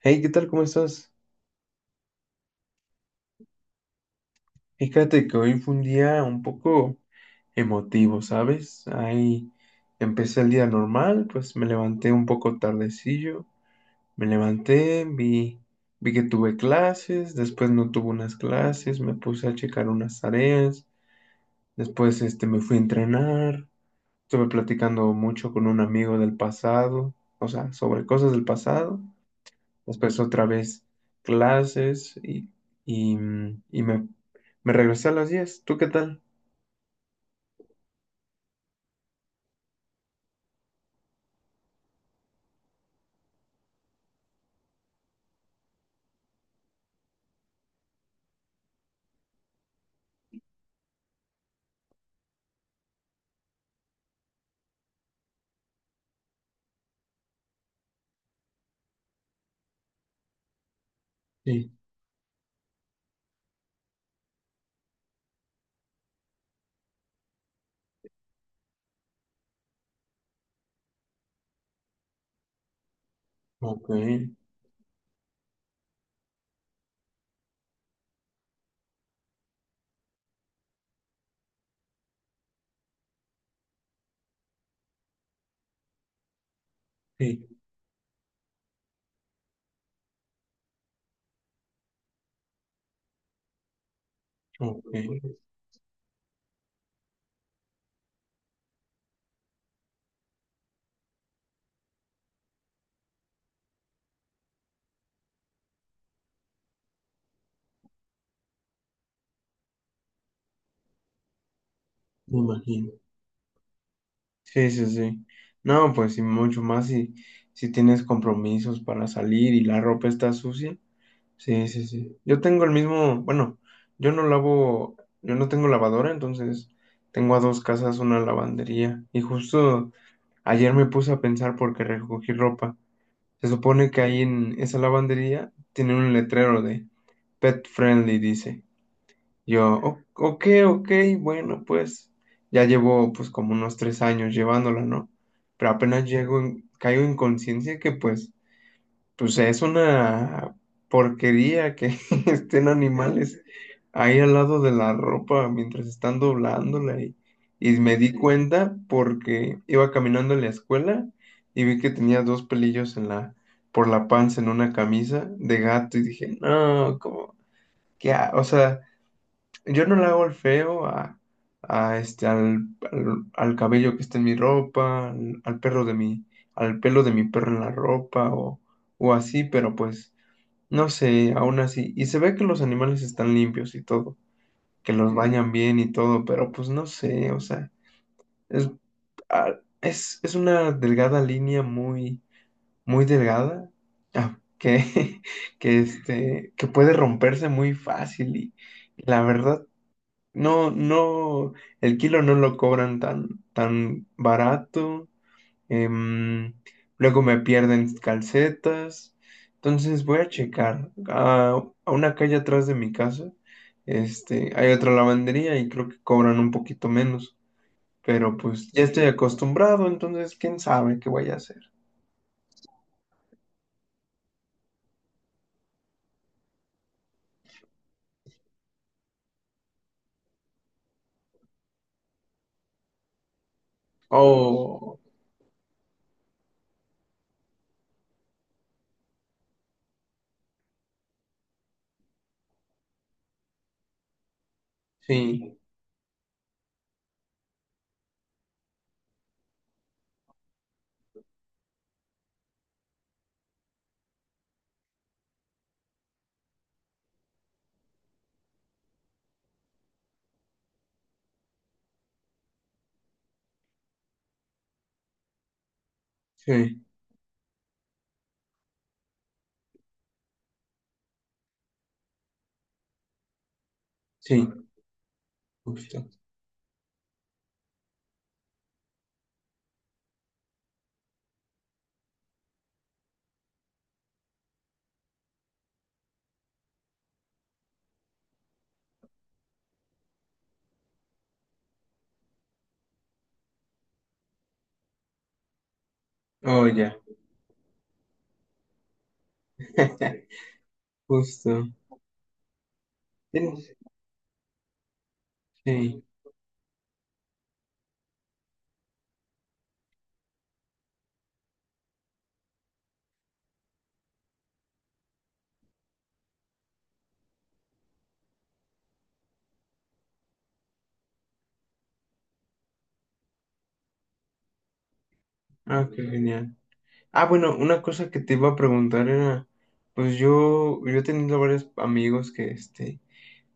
Hey, ¿qué tal? ¿Cómo estás? Fíjate que hoy fue un día un poco emotivo, ¿sabes? Ahí empecé el día normal, pues me levanté un poco tardecillo, me levanté, vi que tuve clases, después no tuve unas clases, me puse a checar unas tareas, después me fui a entrenar, estuve platicando mucho con un amigo del pasado, o sea, sobre cosas del pasado. Después otra vez clases y me regresé a las 10. ¿Tú qué tal? Sí, ok, sí, ok, me imagino. Sí, sí, sí. No, pues y mucho más si tienes compromisos para salir y la ropa está sucia. Sí, sí, sí. Yo tengo el mismo, bueno, yo no lavo, yo no tengo lavadora, entonces tengo a dos casas una lavandería. Y justo ayer me puse a pensar porque recogí ropa. Se supone que ahí en esa lavandería tienen un letrero de pet friendly, dice. Yo, ok, ok, bueno, pues ya llevo pues como unos 3 años llevándola, ¿no? Pero apenas llego, caigo en conciencia que pues es una porquería que estén animales ahí al lado de la ropa mientras están doblándola y me di cuenta porque iba caminando en la escuela y vi que tenía dos pelillos en la, por la panza en una camisa de gato y dije, no, como, ¿qué ha-?". O sea, yo no le hago el feo a al cabello que está en mi ropa, al perro de mi, al pelo de mi perro en la ropa o así, pero pues no sé, aún así. Y se ve que los animales están limpios y todo, que los bañan bien y todo, pero pues no sé, o sea, es, ah, es una delgada línea muy, muy delgada, ah, que, que puede romperse muy fácil y la verdad. No, no, el kilo no lo cobran tan, tan barato. em, Luego me pierden calcetas. Entonces voy a checar. A una calle atrás de mi casa, hay otra lavandería y creo que cobran un poquito menos. Pero pues ya estoy acostumbrado, entonces quién sabe qué voy a hacer. Oh, sí, sí, sí, justo. Oh, ya, justo. Sí, qué genial. Ah, bueno, una cosa que te iba a preguntar era, pues yo, he tenido varios amigos que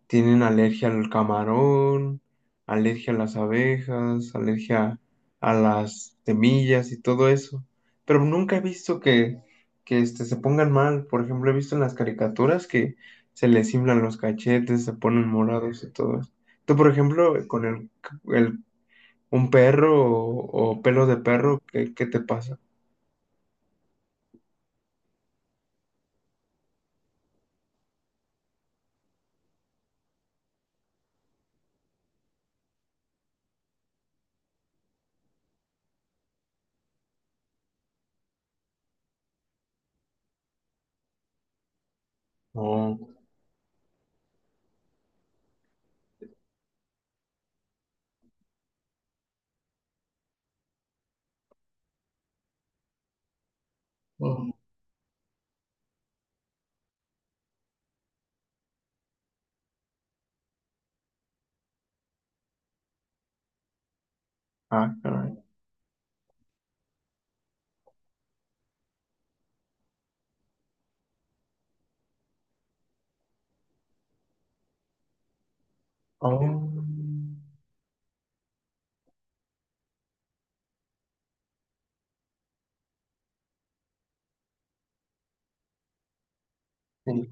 tienen alergia al camarón, alergia a las abejas, alergia a las semillas y todo eso, pero nunca he visto que se pongan mal. Por ejemplo, he visto en las caricaturas que se les inflan los cachetes, se ponen morados y todo eso. Tú, por ejemplo, con el, el- un perro o pelo de perro, ¿qué, qué te pasa? No. Ah, caray. Oh, sí.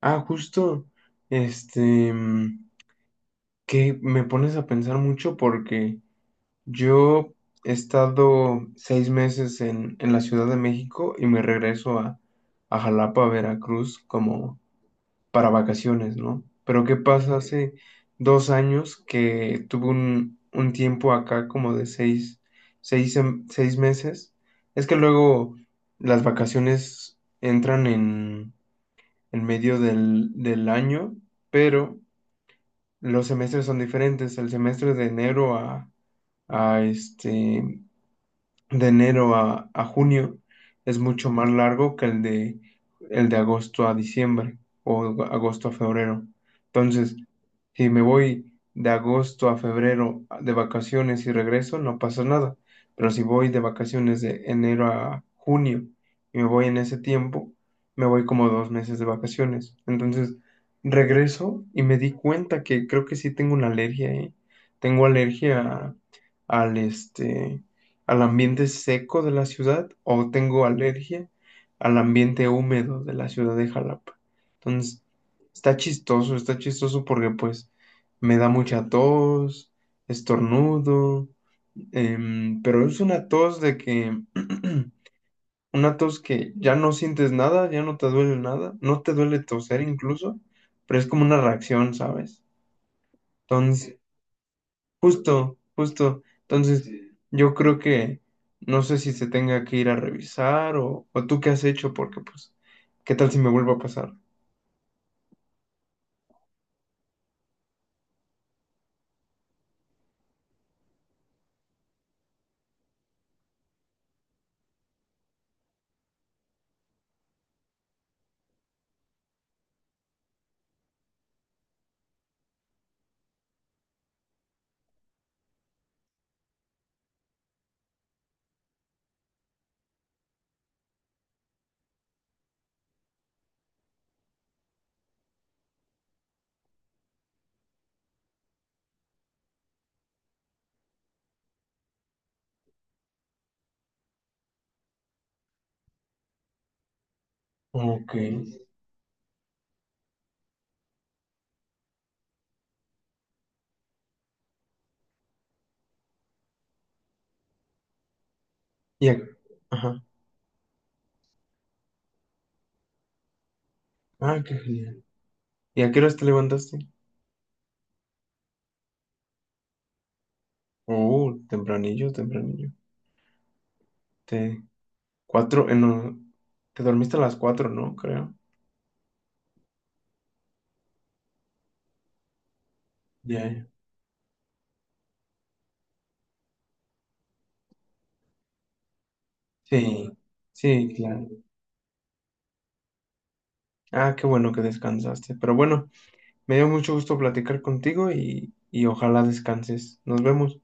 Ah, justo, este, mm, que me pones a pensar mucho porque yo he estado 6 meses en la Ciudad de México y me regreso a Jalapa, Veracruz, como para vacaciones, ¿no? Pero ¿qué pasa? Hace 2 años que tuve un tiempo acá como de seis meses. Es que luego las vacaciones entran en medio del, del año, pero los semestres son diferentes. El semestre de enero a este, de enero a junio es mucho más largo que el de agosto a diciembre o agosto a febrero. Entonces, si me voy de agosto a febrero de vacaciones y regreso, no pasa nada. Pero si voy de vacaciones de enero a junio y me voy en ese tiempo, me voy como 2 meses de vacaciones. Entonces, regreso y me di cuenta que creo que sí tengo una alergia, ¿eh? Tengo alergia al este al ambiente seco de la ciudad o tengo alergia al ambiente húmedo de la ciudad de Jalapa. Entonces, está chistoso porque pues me da mucha tos, estornudo, pero es una tos de que, una tos que ya no sientes nada, ya no te duele nada, no te duele toser incluso, pero es como una reacción, ¿sabes? Justo, justo. Entonces, sí. Yo creo que no sé si se tenga que ir a revisar o tú qué has hecho, porque pues, ¿qué tal si me vuelvo a pasar? Ok. Y a- Ajá. Ah, qué genial. ¿Y a qué horas te levantaste? Oh, tempranillo, tempranillo. Te... 4, no. Te dormiste a las 4, ¿no? Creo. Ya, sí, sí, claro. Ah, qué bueno que descansaste. Pero bueno, me dio mucho gusto platicar contigo y ojalá descanses. Nos vemos.